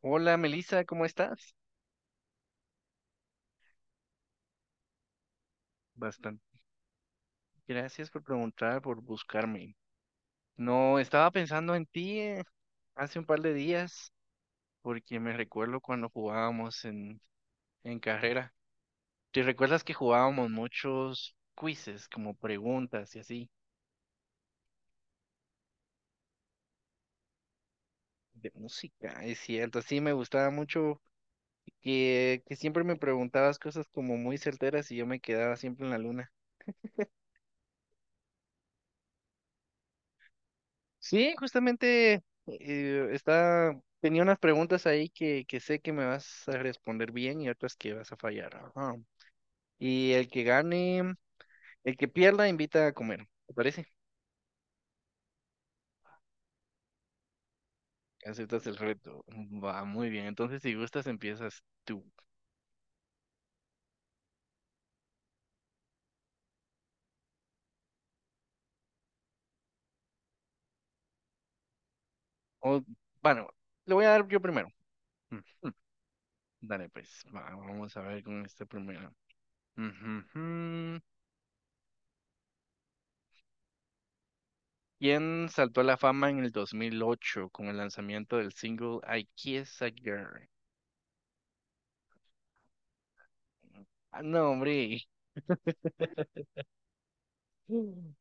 Hola Melissa, ¿cómo estás? Bastante. Gracias por preguntar, por buscarme. No, estaba pensando en ti hace un par de días, porque me recuerdo cuando jugábamos en carrera. ¿Te recuerdas que jugábamos muchos quizzes, como preguntas y así, de música? Es cierto, sí, me gustaba mucho que siempre me preguntabas cosas como muy certeras y yo me quedaba siempre en la luna. Sí, justamente tenía unas preguntas ahí que sé que me vas a responder bien y otras que vas a fallar. Ajá. Y el que gane, el que pierda, invita a comer. ¿Te parece? Aceptas el reto. Va, muy bien. Entonces, si gustas, empiezas tú. O, bueno, le voy a dar yo primero. Ujú. Dale, pues, va, vamos a ver con esta primera. Ujú, ujú. ¿Quién saltó a la fama en el 2008 con el lanzamiento del single I Kiss a Girl? Ah, no, hombre. Mm.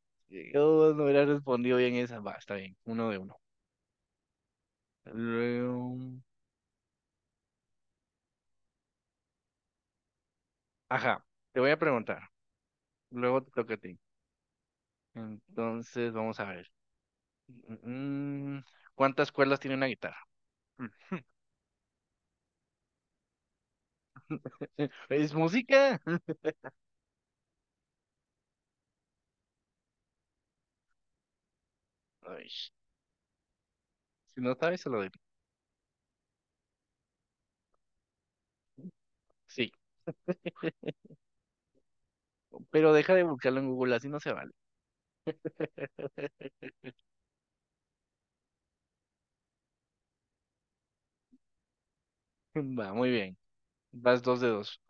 Yo no hubiera respondido bien esa. Va, está bien. Uno de uno. Luego... Ajá, te voy a preguntar. Luego te toca a ti. Entonces, vamos a ver. Mm, ¿Cuántas cuerdas tiene una guitarra? ¿Es música? Ay, si no sabes, se lo digo. Sí, pero deja de buscarlo en Google, así no se vale. Va, muy bien. Vas dos de dos.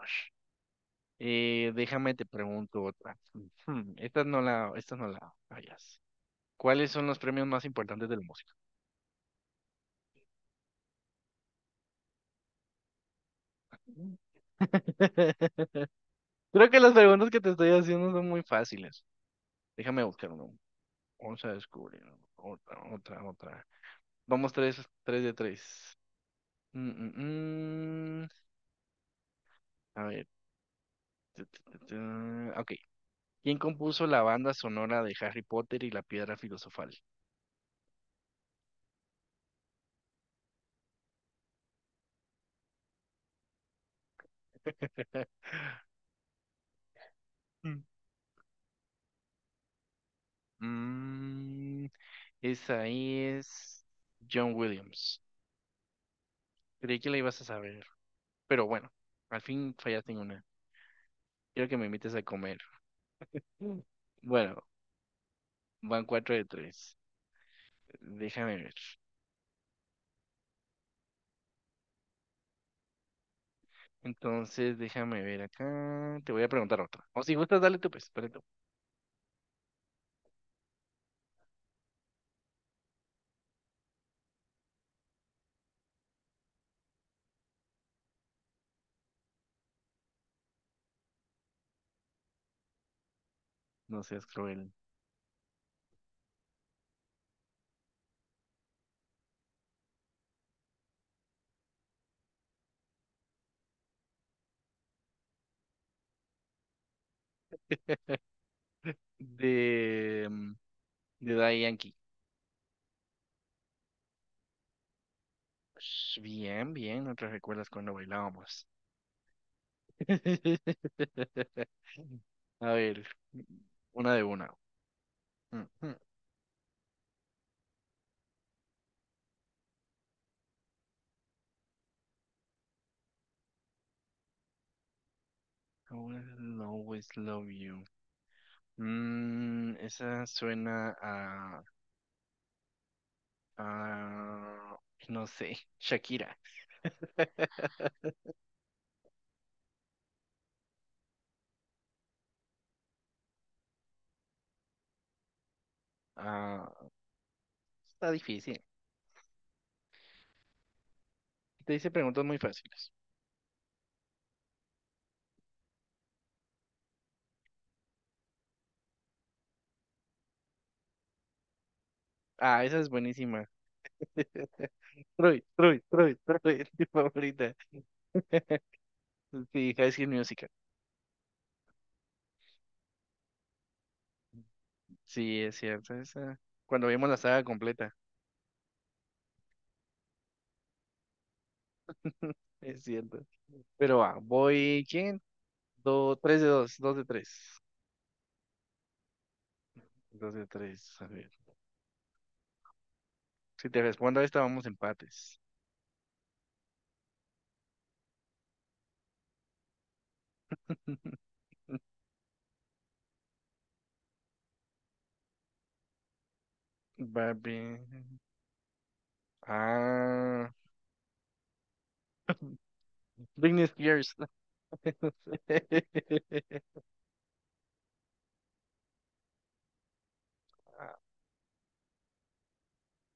Déjame te pregunto otra. Esta no la fallas. ¿Cuáles son los premios más importantes de la música? Creo que las preguntas que te estoy haciendo son muy fáciles. Déjame buscar uno. Vamos a descubrir. Otra, otra, otra. Vamos tres de tres. Mm, mm, mm. A ver. Tu, tu, tu, tu. Ok. ¿Quién compuso la banda sonora de Harry Potter y la Piedra Filosofal? Mm. Mm, esa es John Williams. Creí que la ibas a saber. Pero bueno, al fin fallaste en una. Quiero que me invites a comer. Mm. Bueno, van cuatro de tres. Déjame ver. Entonces, déjame ver acá. Te voy a preguntar otra. O si gustas, dale tú, pues, dale tú. No seas cruel. De, mm, de Daddy Yankee. Sh, Bien, bien, no te recuerdas cuando bailábamos. A ver, una de una. Mm, mm. I will always love you. Esa suena a, a, no sé, Shakira. Ah, Está difícil. Te hice preguntas muy fáciles. Ah, esa es buenísima. Troy, Troy, Troy, Troy, mi favorita. Sí, High School Musical. Sí, es cierto. Cuando vimos la saga completa. Es cierto. Pero va, ¿quién? Tres de dos, dos de tres. Dos de tres, a ver. Si te respondo a esta, vamos empates. Va bien. Ah, Britney Spears.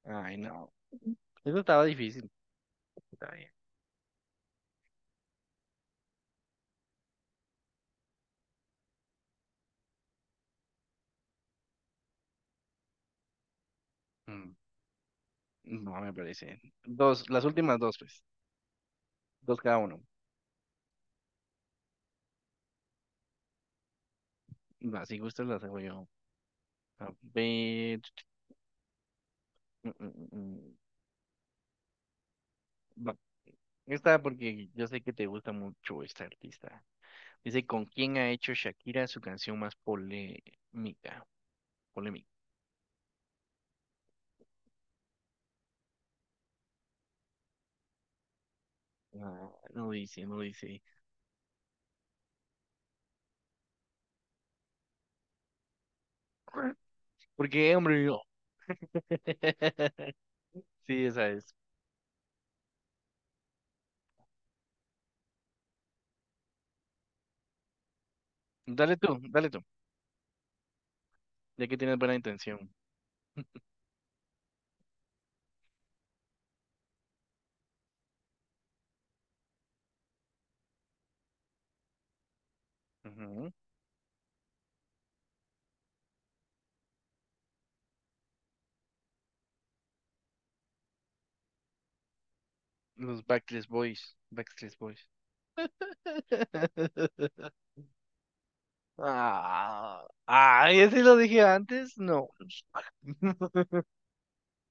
Ay, no. Eso estaba difícil. Está bien. Mm, No me parece. Dos, las últimas dos, pues. Dos cada uno. Va, si gustas las hago yo. A ver. mm, mm, mm, mm. Va. Esta porque yo sé que te gusta mucho esta artista. Dice, ¿con quién ha hecho Shakira su canción más polémica? Polémica. Ah, no dice, no dice. Porque, hombre, yo. Sí, esa es. Dale tú, ya que tienes buena intención. Ujú. Los Backstreet Boys, Backstreet Boys. Ah, ay, ese lo dije antes. No,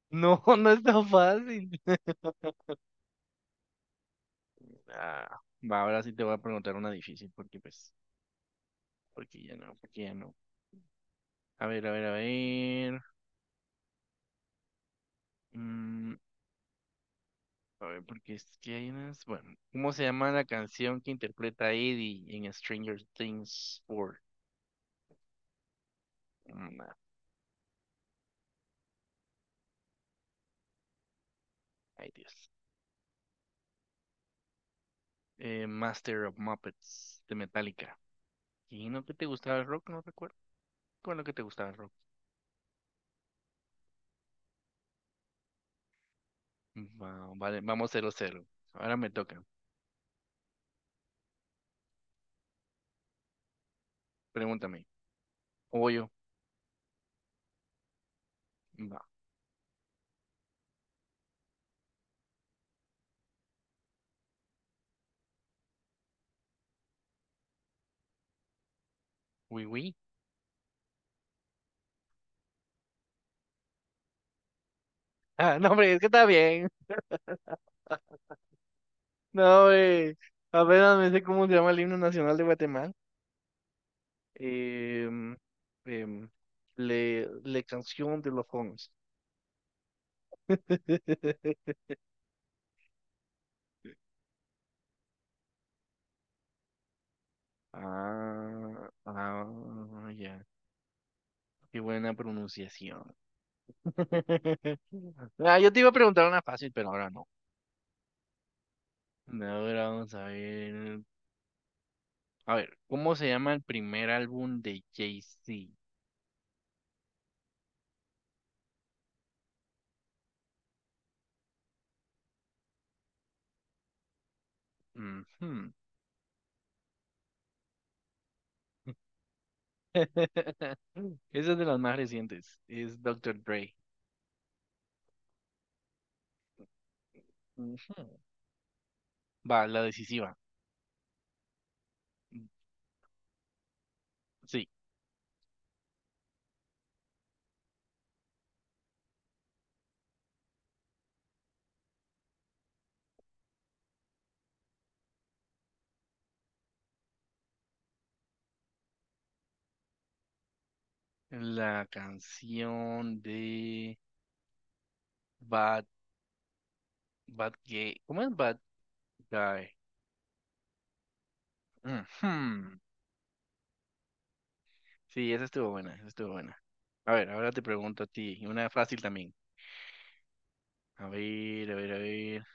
no, no es tan fácil. Ah, va, ahora sí te voy a preguntar una difícil, porque pues, porque ya no, porque ya no. A ver, a ver, a ver. mm, a ver, porque es que hay unas. Bueno, ¿cómo se llama la canción que interpreta Eddie en Stranger Things 4? Mm, ah, ay, Dios. Master of Muppets de Metallica. ¿Y no que te gustaba el rock? No recuerdo. ¿Cuál es lo que te gustaba el rock? Vale, vamos cero cero. Ahora me toca. Pregúntame. ¿O voy yo? Va. Uy, uy. Ah, no, hombre, es que está bien. No, hombre. Apenas me sé cómo se llama el himno nacional de Guatemala. Em, em, le, canción de los jóvenes. Ah, ah, ya. Qué buena pronunciación. Ah, yo te iba a preguntar una fácil, pero ahora no. Ahora vamos a ver. A ver, ¿cómo se llama el primer álbum de Jay-Z? Ujú. Esa es de las más recientes. Es Doctor Dre. Ujú. Va, la decisiva. Sí. La canción de Bad, Bad Gay. ¿Cómo es Bad Guy? Ujú. Sí, esa estuvo buena, esa estuvo buena. A ver, ahora te pregunto a ti, y una fácil también. A ver, a ver, a ver.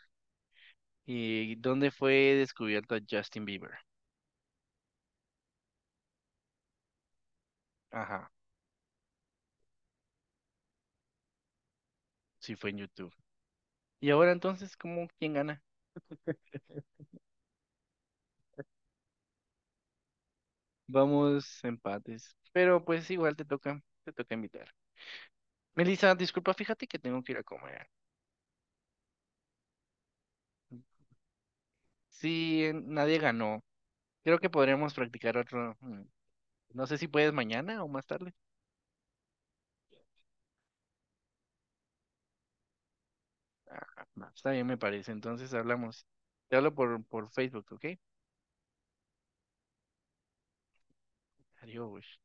¿Y dónde fue descubierto Justin Bieber? Ajá, sí fue en YouTube. Y ahora entonces, ¿cómo quién gana? Vamos empates. Pero pues igual te toca invitar. Melissa, disculpa, fíjate que tengo que ir a comer. Sí, nadie ganó. Creo que podríamos practicar otro. No sé si puedes mañana o más tarde. Ah, va, está bien, me parece. Entonces hablamos. Te hablo por Facebook, ¿ok? Adiós.